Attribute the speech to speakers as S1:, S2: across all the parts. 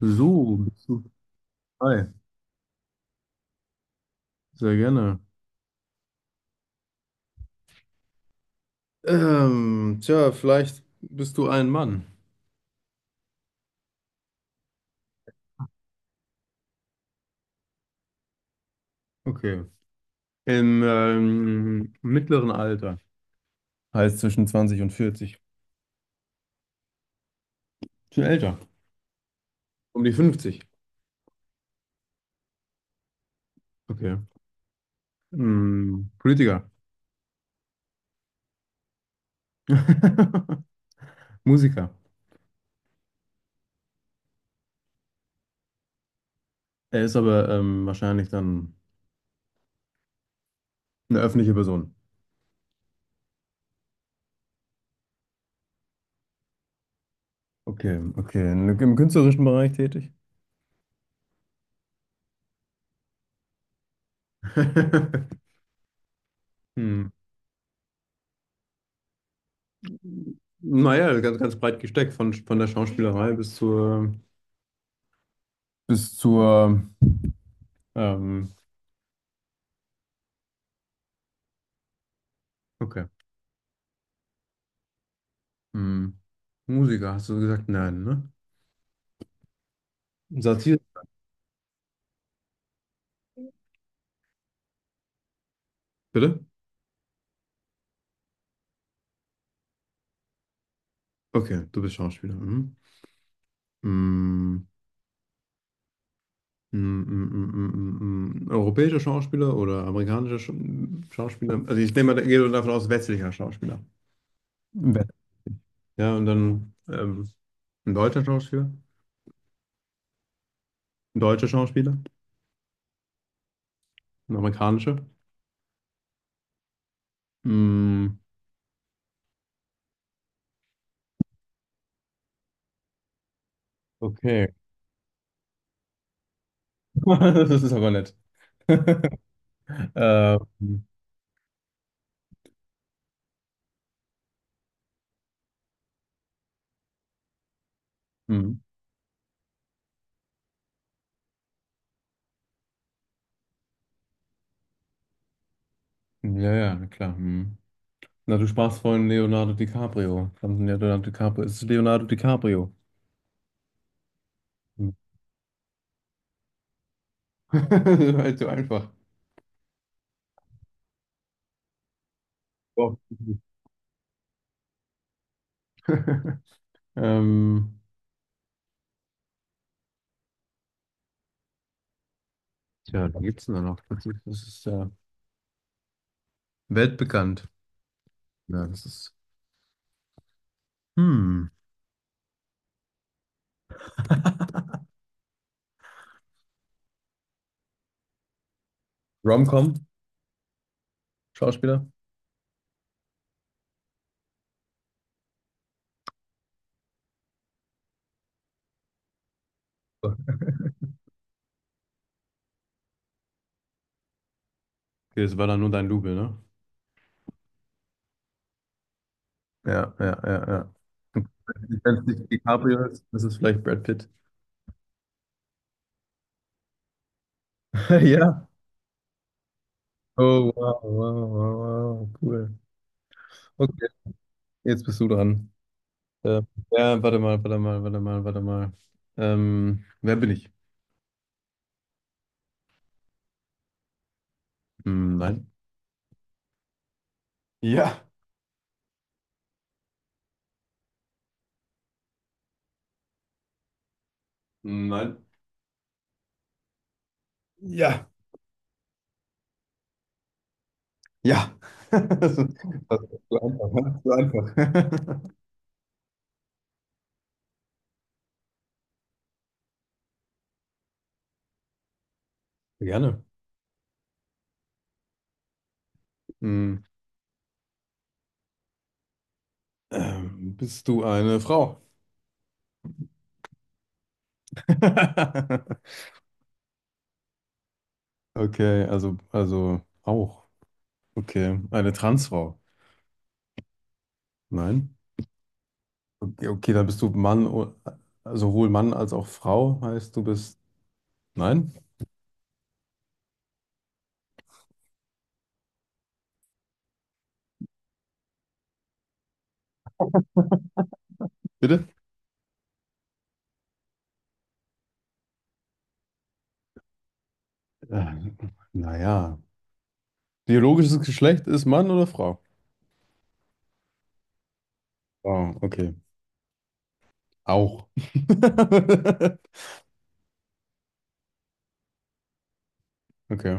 S1: So, bist du frei. Sehr gerne. Vielleicht bist du ein Mann. Okay. Im mittleren Alter. Heißt zwischen 20 und 40. Schon älter. Um die 50. Okay. Hm, Politiker. Musiker. Er ist aber wahrscheinlich dann eine öffentliche Person. Okay, okay. Im künstlerischen Bereich tätig. Hm. Naja, ganz breit gesteckt, von der Schauspielerei bis zur bis zur, ähm, okay. Hm. Musiker, hast du gesagt? Nein, ne? Satire. Bitte? Okay, du bist Schauspieler. Mhm. Hm, hm. Europäischer Schauspieler oder amerikanischer Schauspieler? Also ich gehe nur davon aus, westlicher Schauspieler. Wett- Ja, und dann ein deutscher Schauspieler, ein deutscher Schauspieler, ein amerikanischer. Hm, okay, das ist aber nett. Ähm, hm, ja, ja, na klar. Hm. Na, du sprachst vorhin Leonardo DiCaprio. Verdammt, Leonardo DiCaprio. Es ist Leonardo DiCaprio. Hm. Das war halt so einfach. Oh. Ähm, da gibt's denn da noch. Das ist weltbekannt. Ja, das ist. Hm. Rom-Com, Schauspieler. Okay, das war dann nur dein Double, ne? Ja, ja, ja, ja. Wenn es nicht DiCaprio ist, das ist vielleicht Brad Pitt. Ja. Oh, wow, wow, wow, wow, wow, cool. Okay, jetzt bist du dran. Äh, ja, warte mal. Wer bin ich? Hm, nein. Ja. Hm, nein. Ja, ja. Das ist das ist zu einfach, ne? Zu einfach. Gerne. Hm, bist du eine Frau? Okay, also auch. Okay, eine Transfrau? Nein. Okay, okay, dann bist du Mann, sowohl Mann als auch Frau, heißt du bist. Nein? Bitte? Äh, naja. Biologisches Geschlecht ist Mann oder Frau? Oh, okay. Auch. Okay.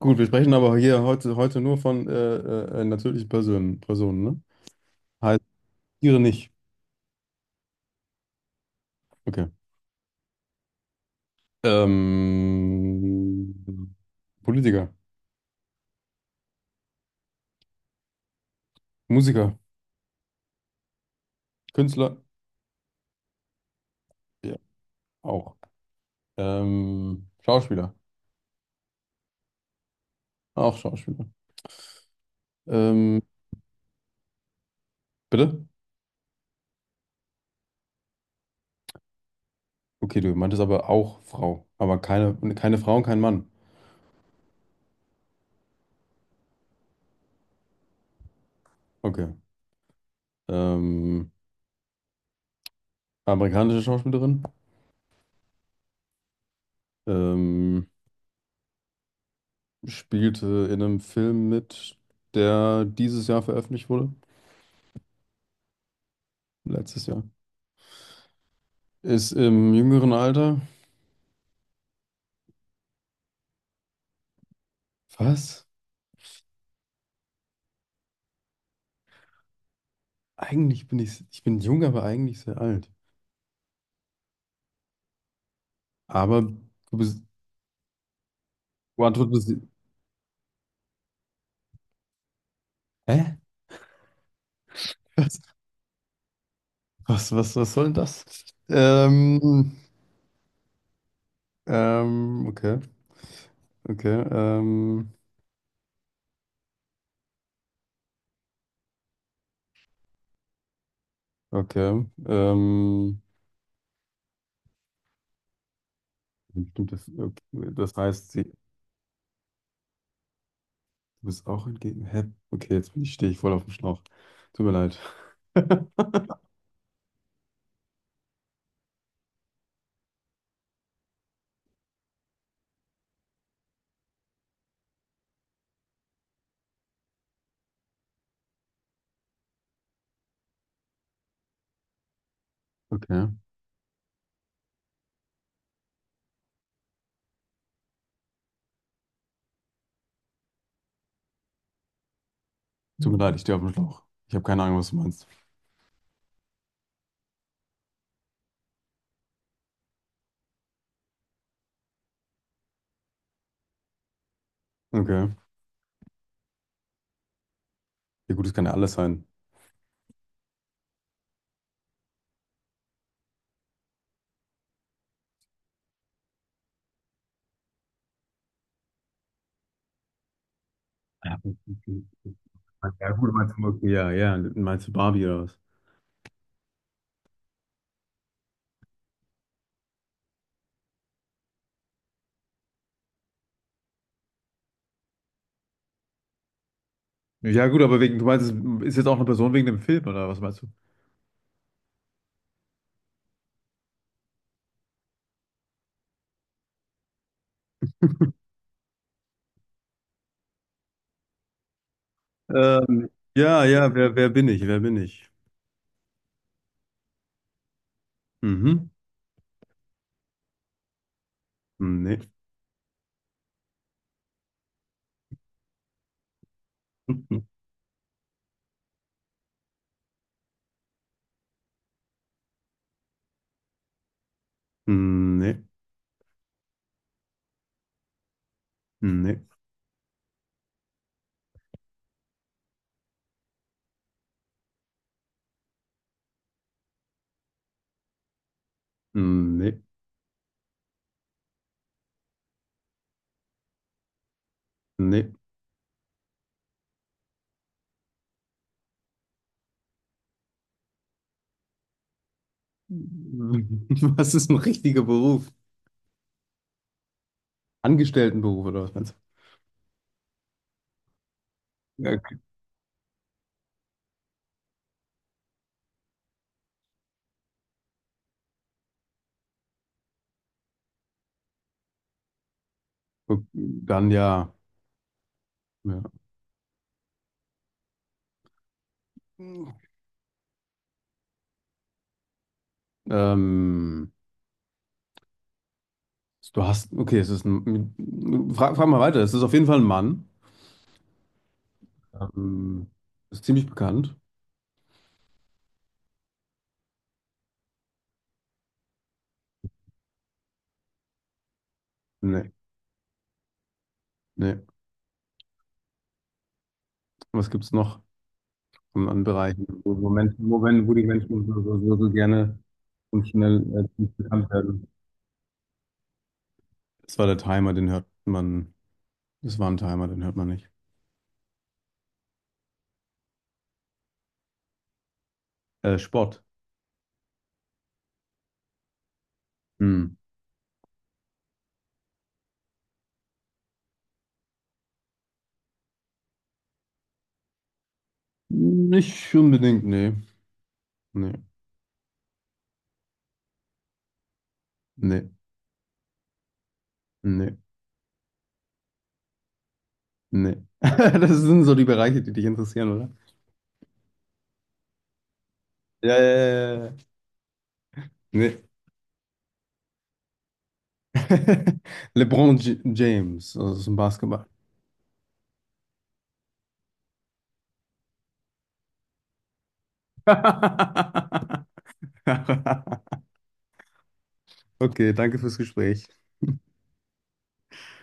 S1: Gut, wir sprechen aber hier heute nur von natürlichen Personen, ne? Heißt Tiere nicht. Okay. Ähm, Politiker, Musiker, Künstler, ja, auch. Schauspieler, auch Schauspieler. Ähm, bitte? Okay, du meintest aber auch Frau, aber keine Frau und kein Mann. Okay. Ähm, amerikanische Schauspielerin? Ähm, spielte in einem Film mit, der dieses Jahr veröffentlicht wurde. Letztes Jahr. Ist im jüngeren Alter. Was? Eigentlich bin ich bin jung, aber eigentlich sehr alt. Aber du bist, Quattro, du bist, hä? Was, was soll denn das? Ähm, okay, okay, ähm, okay, bestimmte- okay. Das heißt, sie du bist auch entgegen. Hä? Okay, jetzt stehe ich voll auf dem Schlauch. Tut mir leid. Okay. Tut mir leid, ich stehe auf dem Schlauch. Ich habe keine Ahnung, was du meinst. Okay. Ja, gut, das kann ja alles sein. Ja, okay, ja, ja. Meinst du Barbie oder was? Ja, gut, aber wegen, du meinst, es ist jetzt auch eine Person wegen dem Film, oder was meinst du? Ähm, ja, ja, wer bin ich? Wer bin ich? Mhm. Nee. Nee. Nee. Nee. Nee. Was ist ein richtiger Beruf? Angestelltenberuf oder was meinst du? Ja, okay. Dann ja. Ja. Ähm, du hast, okay, es ist ein, frag mal weiter. Es ist auf jeden Fall ein Mann. Ja. Ist ziemlich bekannt. Nee, nee. Was gibt's noch an, an Bereichen, wo, wo Menschen, wo, wenn- wo die Menschen so gerne und schnell ziemlich bekannt werden? Das war der Timer, den hört man. Das war ein Timer, den hört man nicht. Sport. Hm. Nicht unbedingt, nee. Nee, nee, nee. Nee. Das sind so die Bereiche, die dich interessieren, oder? Ja, ja, ja. Ja. Nee. LeBron J James, also das ist ein Basketball. Okay, danke fürs Gespräch.